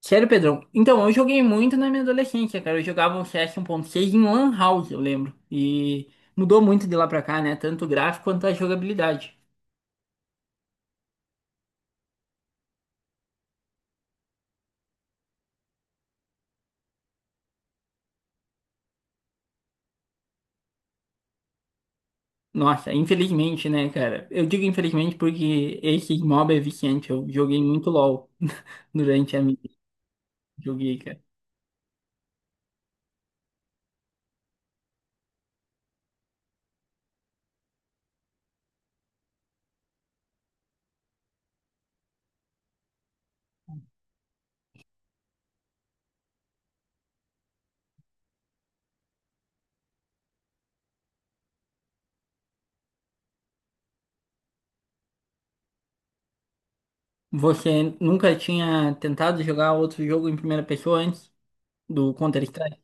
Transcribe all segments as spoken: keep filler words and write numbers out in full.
Sério, Pedrão? Então, eu joguei muito na minha adolescência, cara. Eu jogava um C S um ponto seis em Lan House, eu lembro. E mudou muito de lá pra cá, né? Tanto o gráfico quanto a jogabilidade. Nossa, infelizmente, né, cara? Eu digo infelizmente porque esse mob é viciante. Eu joguei muito LoL durante a minha. Joguei, cara. Você nunca tinha tentado jogar outro jogo em primeira pessoa antes do Counter-Strike?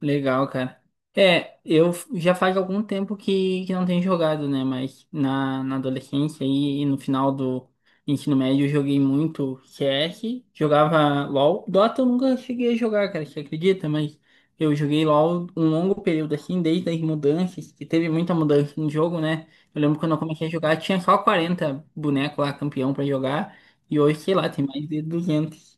Legal, cara. É, eu f- já faz algum tempo que, que não tenho jogado, né? Mas na, na adolescência e, e no final do ensino médio eu joguei muito C S, jogava LOL. Dota eu nunca cheguei a jogar, cara, você acredita? Mas eu joguei LOL um longo período assim, desde as mudanças, que teve muita mudança no jogo, né? Eu lembro quando eu comecei a jogar, tinha só quarenta bonecos lá, campeão pra jogar, e hoje, sei lá, tem mais de duzentos.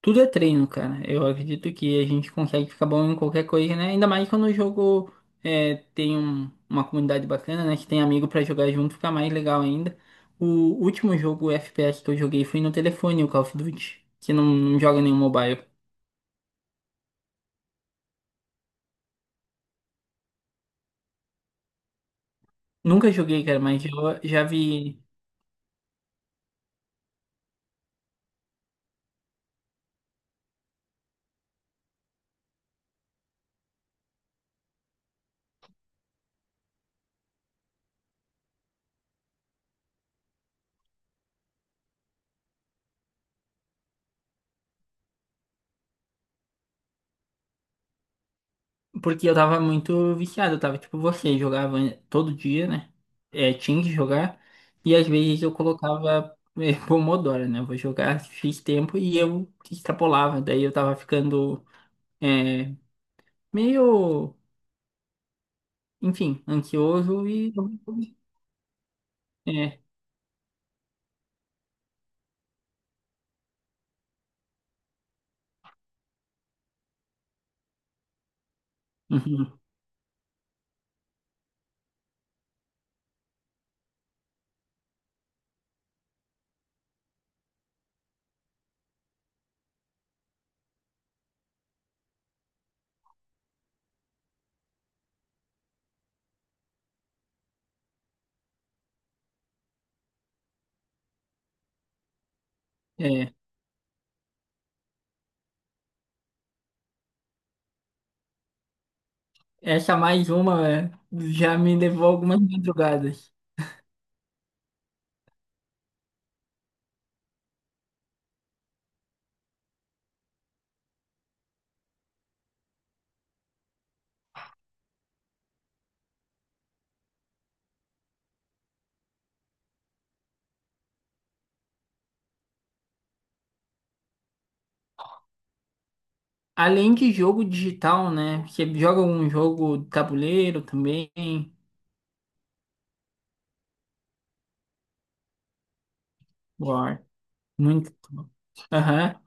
Tudo é treino, cara. Eu acredito que a gente consegue ficar bom em qualquer coisa, né? Ainda mais quando o jogo é, tem um- uma comunidade bacana, né? Que tem amigo pra jogar junto, fica mais legal ainda. O último jogo F P S que eu joguei foi no telefone, o Call of Duty, que não, não joga nenhum mobile. Nunca joguei, cara, mas eu já vi. Porque eu tava muito viciado, eu tava tipo você, jogava todo dia, né? É, tinha que jogar. E às vezes eu colocava é, Pomodoro, né? Vou jogar xis tempo e eu extrapolava. Daí eu tava ficando é, meio, enfim, ansioso e. É, uhum, é. Essa mais uma é, já me levou algumas madrugadas. Além de jogo digital, né? Você joga algum jogo de tabuleiro também? War. Muito. Aham.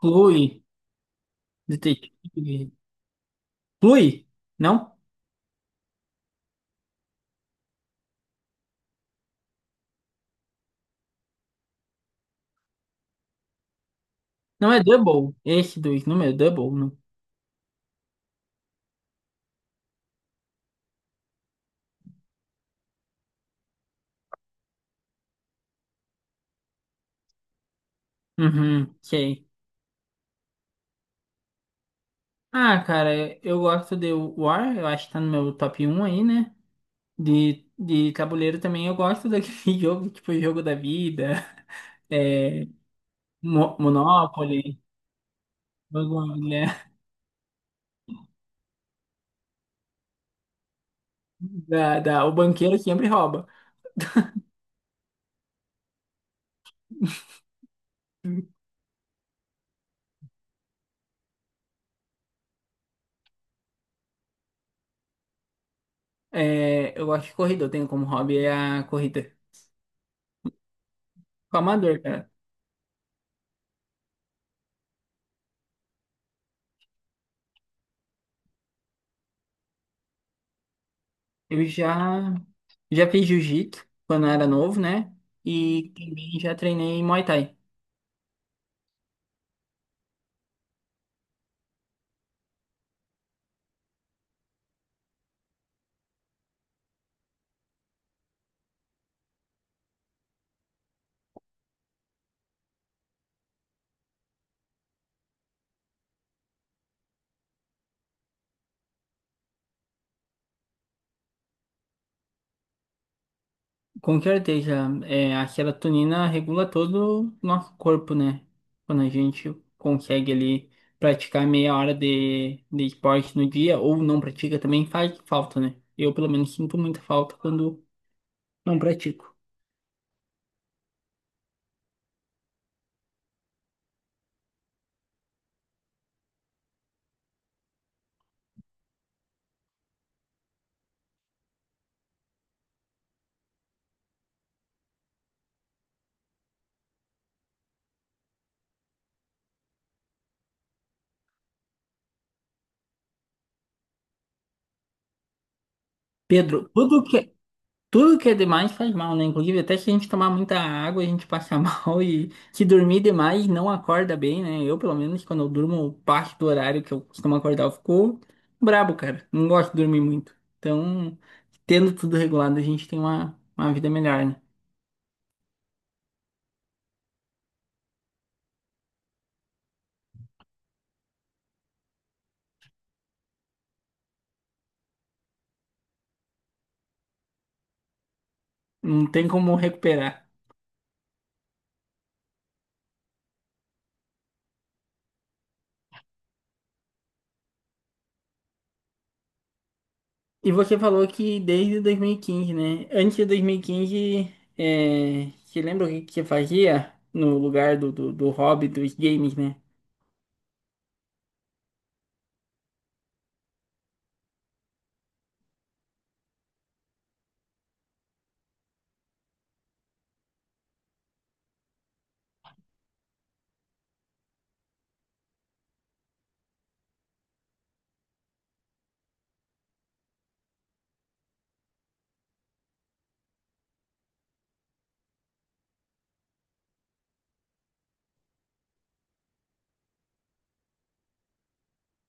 Clue. Detetive. Clue? Não? Não é Double. Esse dois não é Double, não. Uhum, sei. Ah, cara, eu gosto de War, eu acho que tá no meu top um aí, né? De, de tabuleiro também eu gosto daquele jogo, tipo Jogo da Vida, é, Mo- Monopoly, Banco Imobiliário, da, da, o banqueiro sempre rouba. É, eu gosto de corrida, eu tenho como hobby é a corrida. Com amador, cara. Eu já. Já fiz jiu-jitsu quando era novo, né? E também já treinei Muay Thai. Com certeza, é, a serotonina regula todo o nosso corpo, né? Quando a gente consegue ali praticar meia hora de, de esporte no dia ou não pratica também faz falta, né? Eu, pelo menos, sinto muita falta quando não pratico. Pedro, tudo que, tudo que é demais faz mal, né? Inclusive, até se a gente tomar muita água, a gente passa mal e se dormir demais não acorda bem, né? Eu, pelo menos, quando eu durmo parte do horário que eu costumo acordar, eu fico brabo, cara. Não gosto de dormir muito. Então, tendo tudo regulado, a gente tem uma, uma vida melhor, né? Não tem como recuperar. E você falou que desde dois mil e quinze, né? Antes de dois mil e quinze, é... você lembra o que que você fazia no lugar do, do, do hobby dos games, né?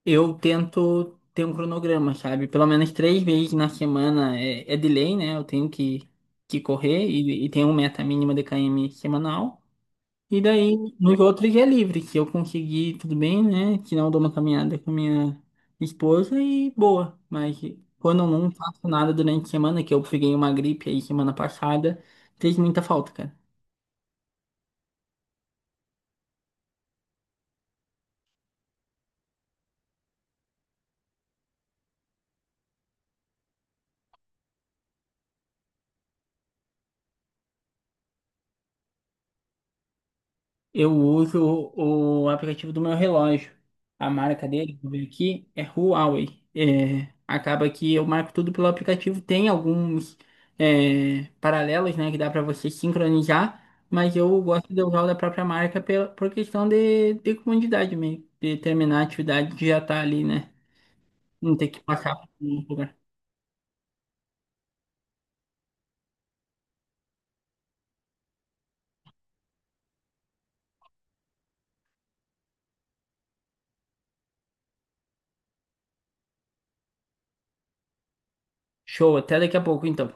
Eu tento ter um cronograma, sabe? Pelo menos três vezes na semana é, é de lei, né? Eu tenho que, que correr e, e tenho uma meta mínima de quilômetros semanal. E daí, nos outros é livre. Se eu conseguir, tudo bem, né? Se não, eu dou uma caminhada com a minha esposa e boa. Mas quando eu não faço nada durante a semana, que eu peguei uma gripe aí semana passada, fez muita falta, cara. Eu uso o aplicativo do meu relógio. A marca dele, vou ver aqui, é Huawei. É, acaba que eu marco tudo pelo aplicativo. Tem alguns é, paralelos, né, que dá para você sincronizar, mas eu gosto de usar o da própria marca pela, por questão de, de comodidade mesmo, de terminar a atividade que já tá ali, né? Não ter que passar por um lugar. Show, até daqui a pouco, então.